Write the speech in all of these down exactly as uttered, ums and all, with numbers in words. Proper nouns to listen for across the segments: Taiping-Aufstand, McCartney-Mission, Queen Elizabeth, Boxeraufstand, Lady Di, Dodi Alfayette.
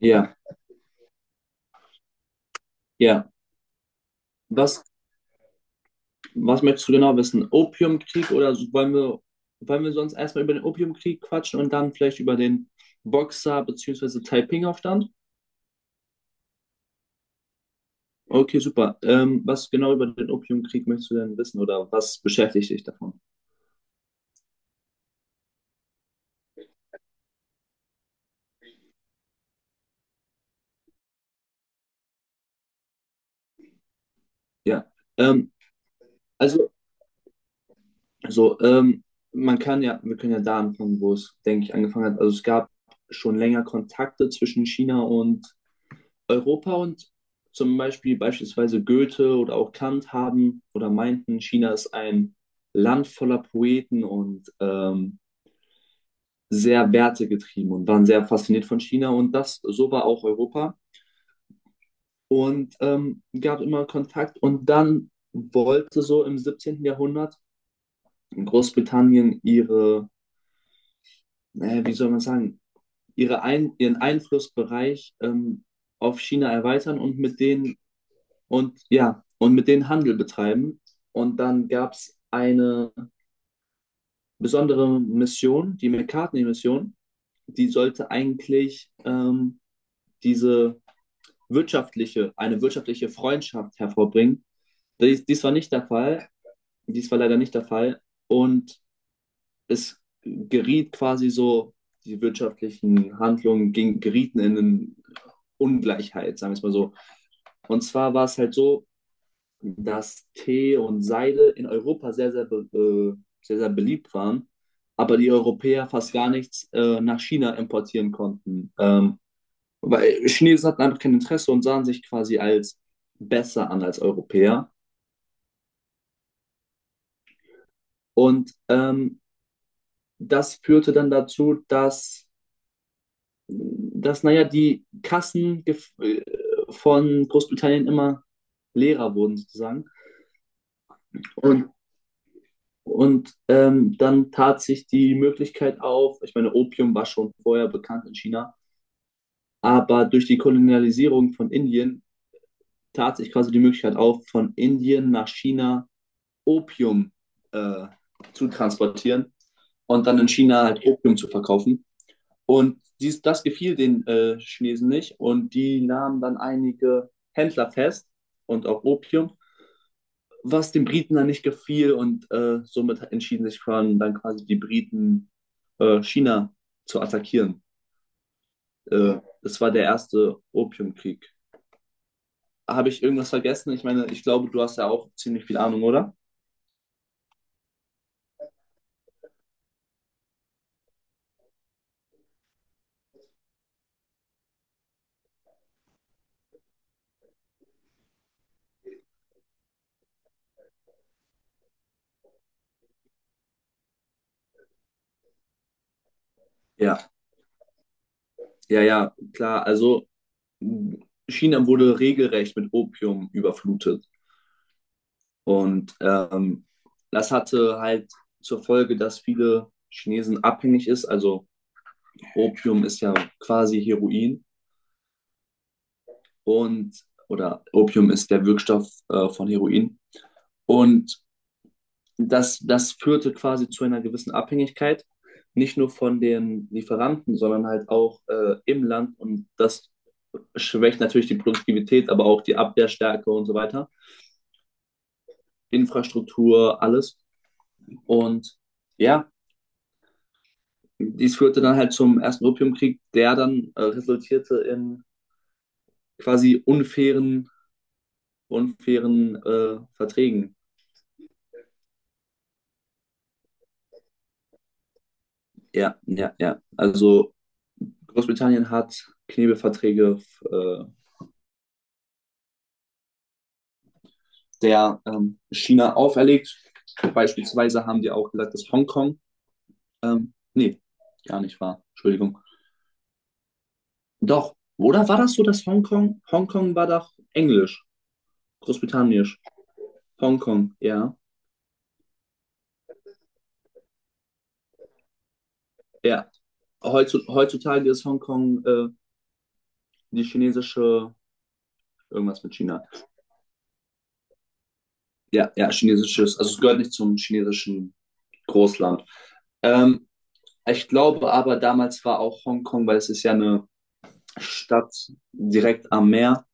Ja, ja. Was, was möchtest du genau wissen? Opiumkrieg oder so- wollen wir, wollen wir sonst erstmal über den Opiumkrieg quatschen und dann vielleicht über den Boxer bzw. Taiping-Aufstand? Okay, super. Ähm, was genau über den Opiumkrieg möchtest du denn wissen oder was beschäftigt dich davon? Ja. Ähm, also, so, ähm, Man kann ja, wir können ja da anfangen, wo es, denke ich, angefangen hat. Also es gab schon länger Kontakte zwischen China und Europa und zum Beispiel beispielsweise Goethe oder auch Kant haben oder meinten, China ist ein Land voller Poeten und ähm, sehr wertegetrieben und waren sehr fasziniert von China und das so war auch Europa und ähm, gab immer Kontakt. Und dann wollte so im siebzehnten. Jahrhundert Großbritannien ihre, äh, wie soll man sagen, ihre Ein ihren Einflussbereich ähm, auf China erweitern und mit denen und ja, und mit denen Handel betreiben. Und dann gab es eine besondere Mission, die McCartney-Mission. Die sollte eigentlich ähm, diese wirtschaftliche, eine wirtschaftliche Freundschaft hervorbringen. Dies, dies war nicht der Fall, dies war leider nicht der Fall. Und es geriet quasi so, die wirtschaftlichen Handlungen ging, gerieten in eine Ungleichheit, sagen wir es mal so. Und zwar war es halt so, dass Tee und Seide in Europa sehr, sehr, be äh, sehr, sehr beliebt waren, aber die Europäer fast gar nichts äh, nach China importieren konnten. Ähm, weil Chinesen hatten einfach kein Interesse und sahen sich quasi als besser an als Europäer. Und ähm, das führte dann dazu, dass, dass naja, die Kassen gef- äh, von Großbritannien immer leerer wurden sozusagen. Und Und ähm, dann tat sich die Möglichkeit auf. Ich meine, Opium war schon vorher bekannt in China, aber durch die Kolonialisierung von Indien tat sich quasi die Möglichkeit auf, von Indien nach China Opium äh, zu transportieren und dann in China halt Opium zu verkaufen. Und dies, das gefiel den äh, Chinesen nicht und die nahmen dann einige Händler fest und auch Opium, was den Briten dann nicht gefiel, und äh, somit entschieden sich Crown dann quasi die Briten äh, China zu attackieren. Äh, das war der erste Opiumkrieg. Habe ich irgendwas vergessen? Ich meine, ich glaube, du hast ja auch ziemlich viel Ahnung, oder? Ja, ja, ja, klar. Also China wurde regelrecht mit Opium überflutet und ähm, das hatte halt zur Folge, dass viele Chinesen abhängig ist. Also Opium ist ja quasi Heroin. Und oder Opium ist der Wirkstoff äh, von Heroin. Und das, das führte quasi zu einer gewissen Abhängigkeit, nicht nur von den Lieferanten, sondern halt auch äh, im Land. Und das schwächt natürlich die Produktivität, aber auch die Abwehrstärke und so weiter, Infrastruktur, alles. Und ja, dies führte dann halt zum ersten Opiumkrieg, der dann äh, resultierte in quasi unfairen, unfairen äh, Verträgen. Ja, ja, ja. Also Großbritannien hat Knebelverträge äh, der ähm, China auferlegt. Beispielsweise haben die auch gesagt, dass Hongkong, ähm, nee, gar nicht wahr, Entschuldigung. Doch, oder war das so, dass Hongkong, Hongkong war doch Englisch, Großbritannisch, Hongkong, ja, ja. Heutzu- Heutzutage ist Hongkong äh, die chinesische, irgendwas mit China. Ja, ja, chinesisches, also es gehört nicht zum chinesischen Großland. Ähm, Ich glaube aber, damals war auch Hongkong, weil es ist ja eine Stadt direkt am Meer,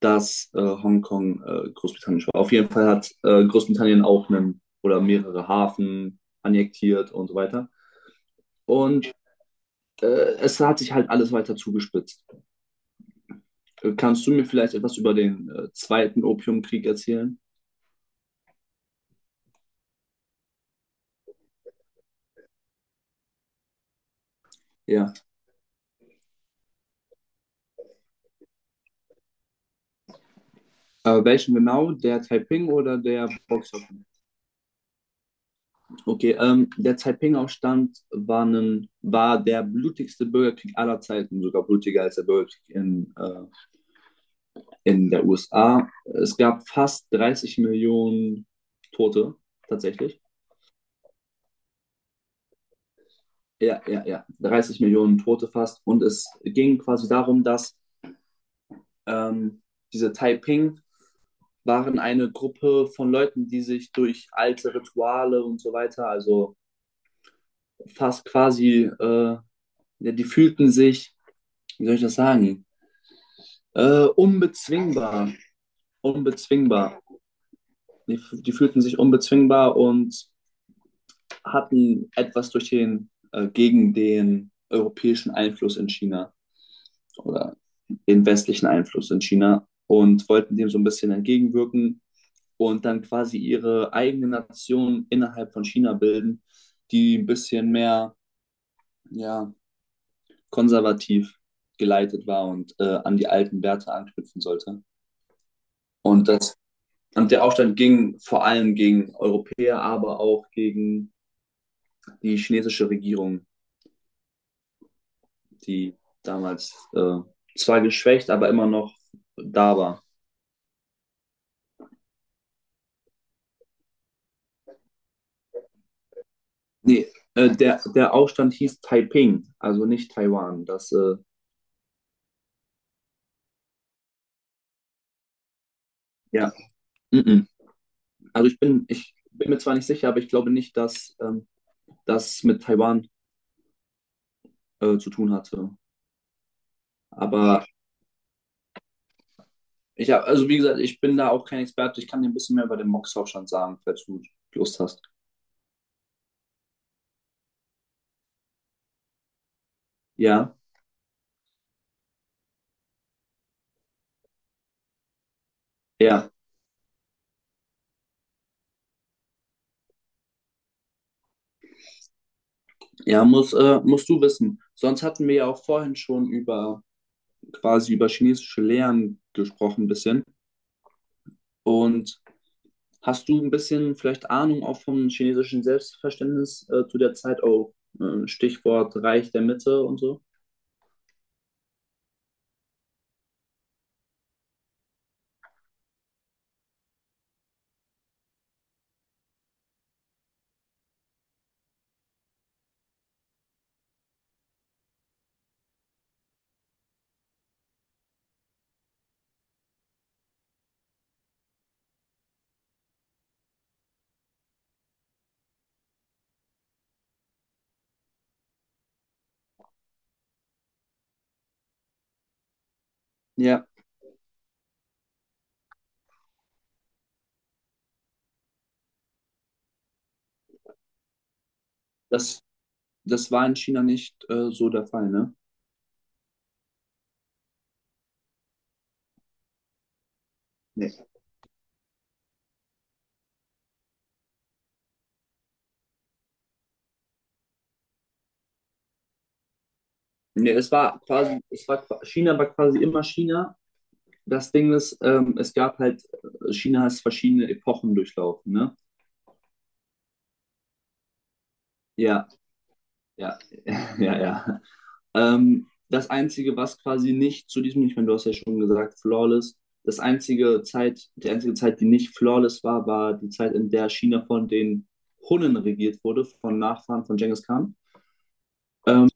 dass äh, Hongkong äh, Großbritannien war. Auf jeden Fall hat äh, Großbritannien auch einen oder mehrere Hafen annektiert und so weiter. Und äh, es hat sich halt alles weiter zugespitzt. Äh, Kannst du mir vielleicht etwas über den äh, zweiten Opiumkrieg erzählen? Ja. Äh, welchen genau? Der Taiping oder der Boxeraufstand? Okay, ähm, der Taiping-Aufstand war, ein- war der blutigste Bürgerkrieg aller Zeiten, sogar blutiger als der Bürgerkrieg in äh, in der U S A. Es gab fast dreißig Millionen Tote tatsächlich. Ja, ja, ja. dreißig Millionen Tote fast. Und es ging quasi darum, dass ähm, diese Taiping waren eine Gruppe von Leuten, die sich durch alte Rituale und so weiter, also fast quasi, äh, ja, die fühlten sich, wie soll ich das sagen, äh, unbezwingbar. Unbezwingbar. Die, die fühlten sich unbezwingbar und hatten etwas durch den, äh, gegen den europäischen Einfluss in China oder den westlichen Einfluss in China und wollten dem so ein bisschen entgegenwirken und dann quasi ihre eigene Nation innerhalb von China bilden, die ein bisschen mehr, ja, konservativ geleitet war und äh, an die alten Werte anknüpfen sollte. Und, das, und der Aufstand ging vor allem gegen Europäer, aber auch gegen die chinesische Regierung, die damals äh, zwar geschwächt, aber immer noch da war. Nee, äh, der, der Aufstand hieß Taiping, also nicht Taiwan. Das, äh, ja, mm -mm. Also ich bin, ich bin mir zwar nicht sicher, aber ich glaube nicht, dass ähm, das mit Taiwan äh, zu tun hatte. Aber ich habe, also wie gesagt, ich bin da auch kein Experte. Ich kann dir ein bisschen mehr über den Mox-Aufstand sagen, falls du Lust hast. Ja, ja, ja, muss, äh, musst du wissen. Sonst hatten wir ja auch vorhin schon über quasi über chinesische Lehren gesprochen ein bisschen. Und hast du ein bisschen vielleicht Ahnung auch vom chinesischen Selbstverständnis äh, zu der Zeit auch? Äh, Stichwort Reich der Mitte und so. Ja, das, Das war in China nicht äh, so der Fall, ne? Nee. Nee, es war quasi, es war, China war quasi immer China. Das Ding ist, ähm, es gab halt, äh, China hat verschiedene Epochen durchlaufen, ne? Ja, ja, ja, ja. Ähm, das Einzige, was quasi nicht zu diesem, ich meine, du hast ja schon gesagt, flawless. Das einzige Zeit, die einzige Zeit, die nicht flawless war, war die Zeit, in der China von den Hunnen regiert wurde, von Nachfahren von Genghis Khan, ähm,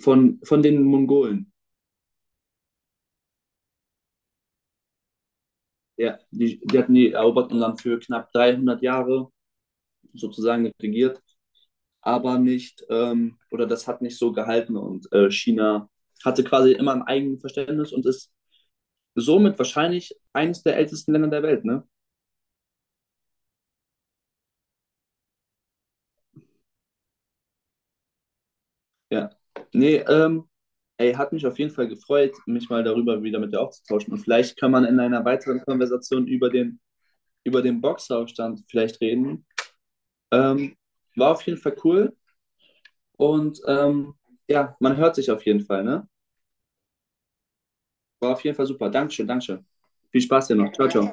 von, von den Mongolen. Ja, die, die hatten die eroberten Land für knapp dreihundert Jahre sozusagen regiert, aber nicht, ähm, oder das hat nicht so gehalten, und äh, China hatte quasi immer ein eigenes Verständnis und ist somit wahrscheinlich eines der ältesten Länder der Welt, ne? Ja. Nee, ähm, Ey, hat mich auf jeden Fall gefreut, mich mal darüber wieder mit dir auszutauschen. Und vielleicht kann man in einer weiteren Konversation über den, über den Boxeraufstand vielleicht reden. Ähm, War auf jeden Fall cool. Und ähm, ja, man hört sich auf jeden Fall, ne? War auf jeden Fall super. Dankeschön, Dankeschön. Viel Spaß dir noch. Ciao, ciao.